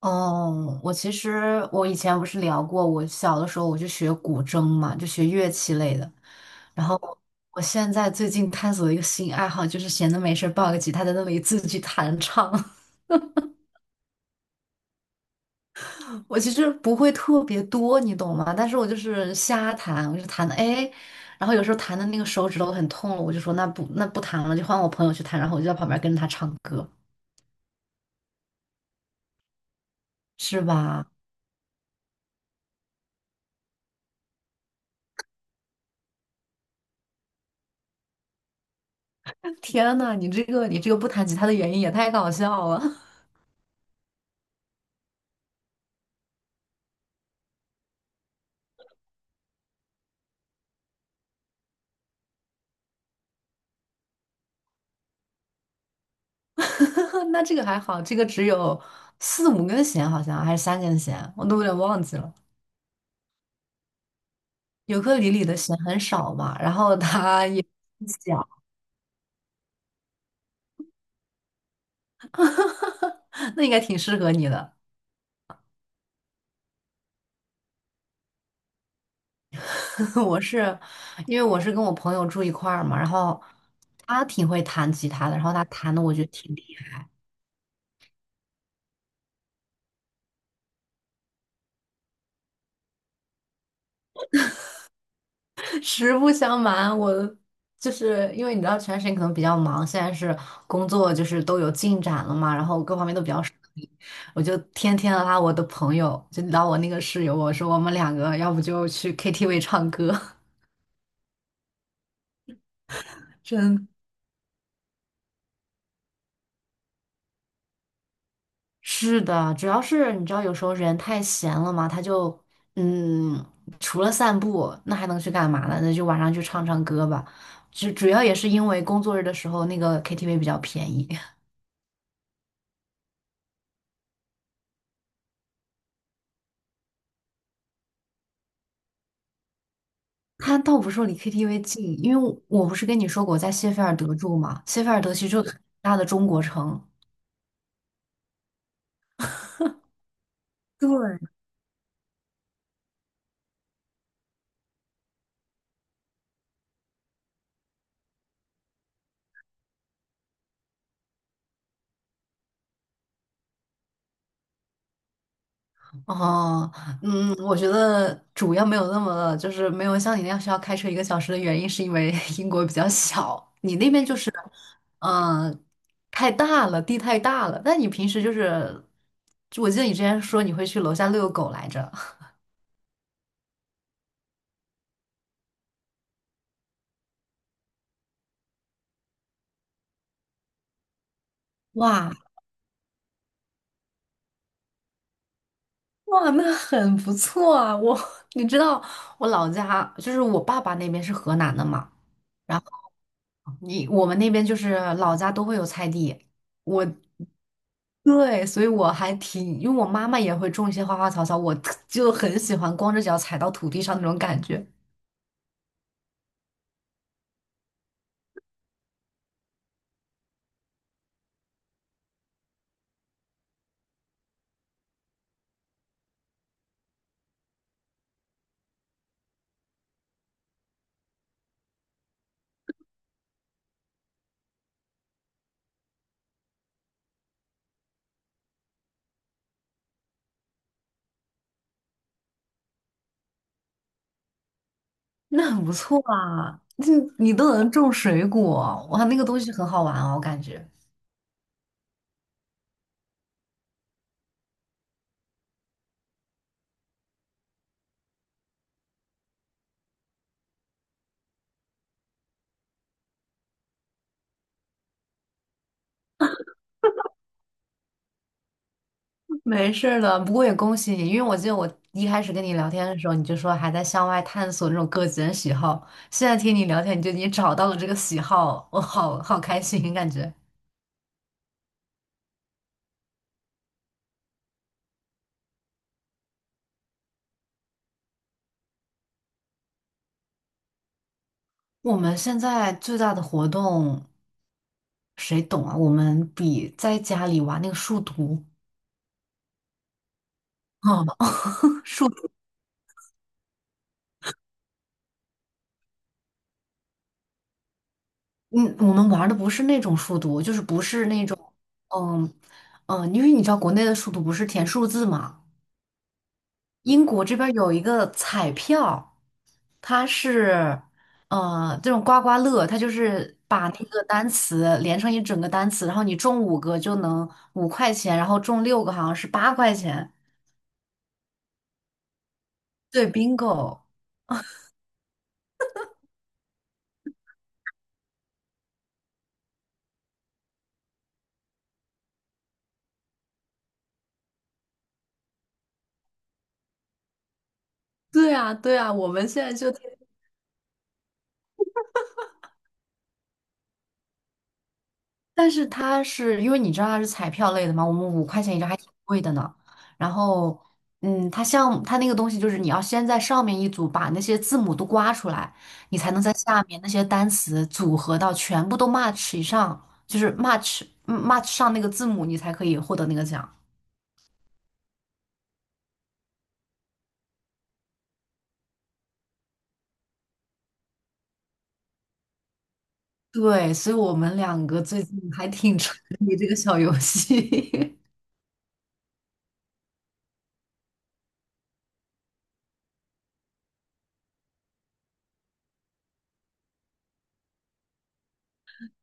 哦，我其实我以前不是聊过，我小的时候我就学古筝嘛，就学乐器类的。然后我现在最近探索一个新爱好，就是闲的没事儿抱个吉他在那里自己弹唱。我其实不会特别多，你懂吗？但是我就是瞎弹，我就弹的哎，然后有时候弹的那个手指头很痛了，我就说那不弹了，就换我朋友去弹，然后我就在旁边跟着他唱歌，是吧？天呐，你这个不弹吉他的原因也太搞笑了。那这个还好，这个只有四五根弦，好像还是三根弦，我都有点忘记了。尤克里里的弦很少嘛，然后它也不小。那应该挺适合你的。我是因为我是跟我朋友住一块儿嘛，然后他挺会弹吉他的，然后他弹的我觉得挺厉害。实不相瞒，我就是因为你知道全时可能比较忙，现在是工作就是都有进展了嘛，然后各方面都比较顺利，我就天天拉我的朋友，就拉我那个室友，我说我们两个要不就去 KTV 唱歌。真是的，主要是你知道有时候人太闲了嘛，他就嗯，除了散步，那还能去干嘛呢？那就晚上去唱唱歌吧，就主要也是因为工作日的时候那个 KTV 比较便宜。他倒不是说离 KTV 近，因为我不是跟你说过我在谢菲尔德住嘛，谢菲尔德其实就是很大的中国城。对，哦，嗯，我觉得主要没有那么，就是没有像你那样需要开车1个小时的原因，是因为 英国比较小，你那边就是，嗯、太大了，地太大了。但你平时就是，就我记得你之前说你会去楼下遛狗来着。哇，哇，那很不错啊！我，你知道我老家就是我爸爸那边是河南的嘛，然后你我们那边就是老家都会有菜地，我对，所以我还挺，因为我妈妈也会种一些花花草草，我特就很喜欢光着脚踩到土地上那种感觉。那很不错啊！你你都能种水果，哇，那个东西很好玩哦，我感觉。没事儿的，不过也恭喜你，因为我记得我一开始跟你聊天的时候，你就说还在向外探索那种个人喜好，现在听你聊天，你就已经找到了这个喜好，我好好开心，感觉。我们现在最大的活动，谁懂啊？我们比在家里玩那个数独。 啊，数独，嗯，我们玩的不是那种数独，就是不是那种，嗯嗯，因为你知道国内的数独不是填数字嘛。英国这边儿有一个彩票，它是，这种刮刮乐，它就是把那个单词连成一整个单词，然后你中五个就能五块钱，然后中六个好像是8块钱。对，bingo。对啊，对啊，我们现在就但是它是因为你知道它是彩票类的嘛，我们五块钱一张还挺贵的呢。然后，它像它那个东西就是你要先在上面一组把那些字母都刮出来，你才能在下面那些单词组合到全部都 match 以上，就是 match match 上那个字母，你才可以获得那个奖。对，所以我们两个最近还挺 沉迷这个小游戏。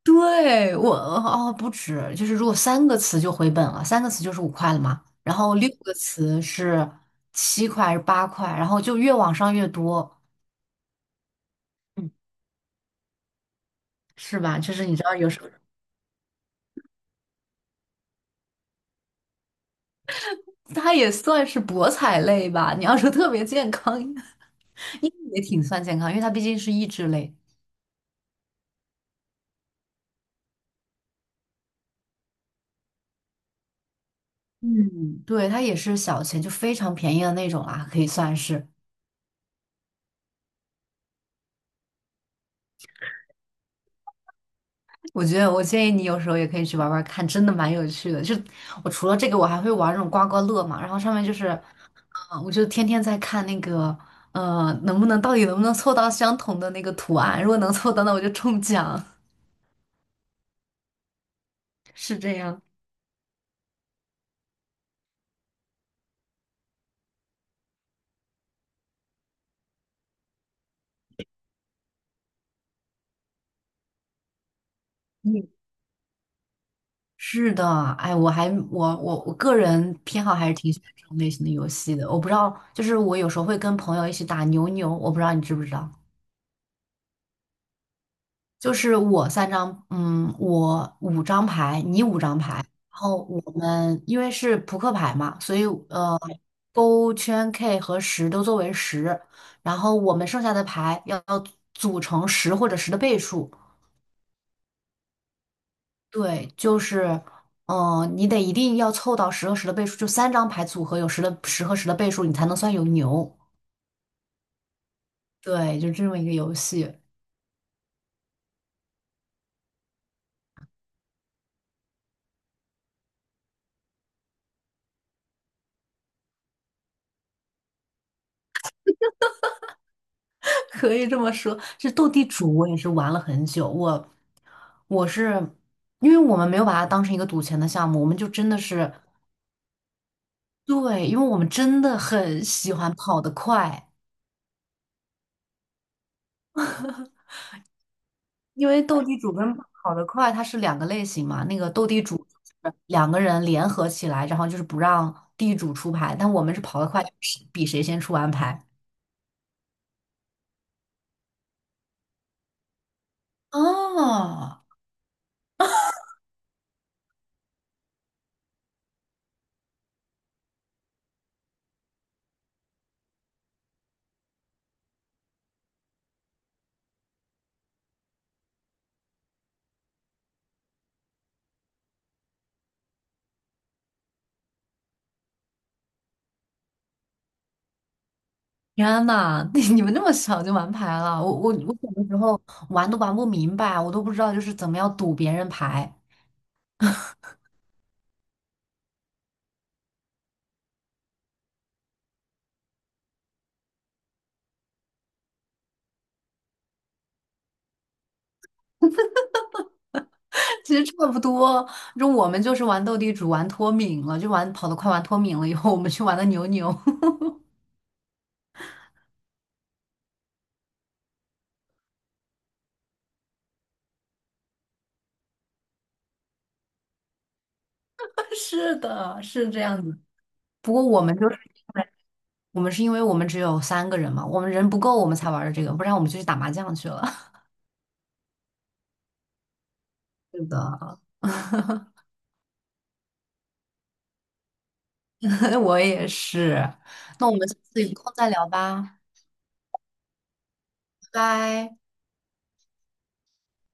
对，我哦不止，就是如果三个词就回本了，三个词就是五块了嘛，然后6个词是7块还是八块，然后就越往上越多。嗯，是吧？就是你知道有时候它也算是博彩类吧，你要说特别健康，应该也挺算健康，因为它毕竟是益智类。嗯，对，它也是小钱，就非常便宜的那种啦，可以算是。我觉得我建议你有时候也可以去玩玩看，真的蛮有趣的。就我除了这个，我还会玩那种刮刮乐嘛，然后上面就是啊，我就天天在看那个，能不能到底能不能凑到相同的那个图案？如果能凑到，那我就中奖。是这样。嗯，是的，哎，我个人偏好还是挺喜欢这种类型的游戏的。我不知道，就是我有时候会跟朋友一起打牛牛，我不知道你知不知道。就是我三张，嗯，我五张牌，你五张牌，然后我们因为是扑克牌嘛，所以呃，勾圈 K 和十都作为十，然后我们剩下的牌要组成十或者十的倍数。对，就是，你得一定要凑到十和十的倍数，就三张牌组合有十的十和十的倍数，你才能算有牛。对，就这么一个游戏。可以这么说，这斗地主我也是玩了很久。我是因为我们没有把它当成一个赌钱的项目，我们就真的是对，因为我们真的很喜欢跑得快。因为斗地主跟跑得快它是两个类型嘛。那个斗地主就是两个人联合起来，然后就是不让地主出牌，但我们是跑得快，比谁先出完牌。哦，天呐，你你们那么小就玩牌了？我小的时候玩都玩不明白，我都不知道就是怎么样赌别人牌。其实差不多，就我们就是玩斗地主，玩脱敏了，就玩跑得快，玩脱敏了以后，我们去玩的牛牛。是的，是这样子。不过我们就是我们是因为我们只有3个人嘛，我们人不够，我们才玩的这个，不然我们就去打麻将去了。是的，我也是。那我们下次有空再聊吧，拜拜。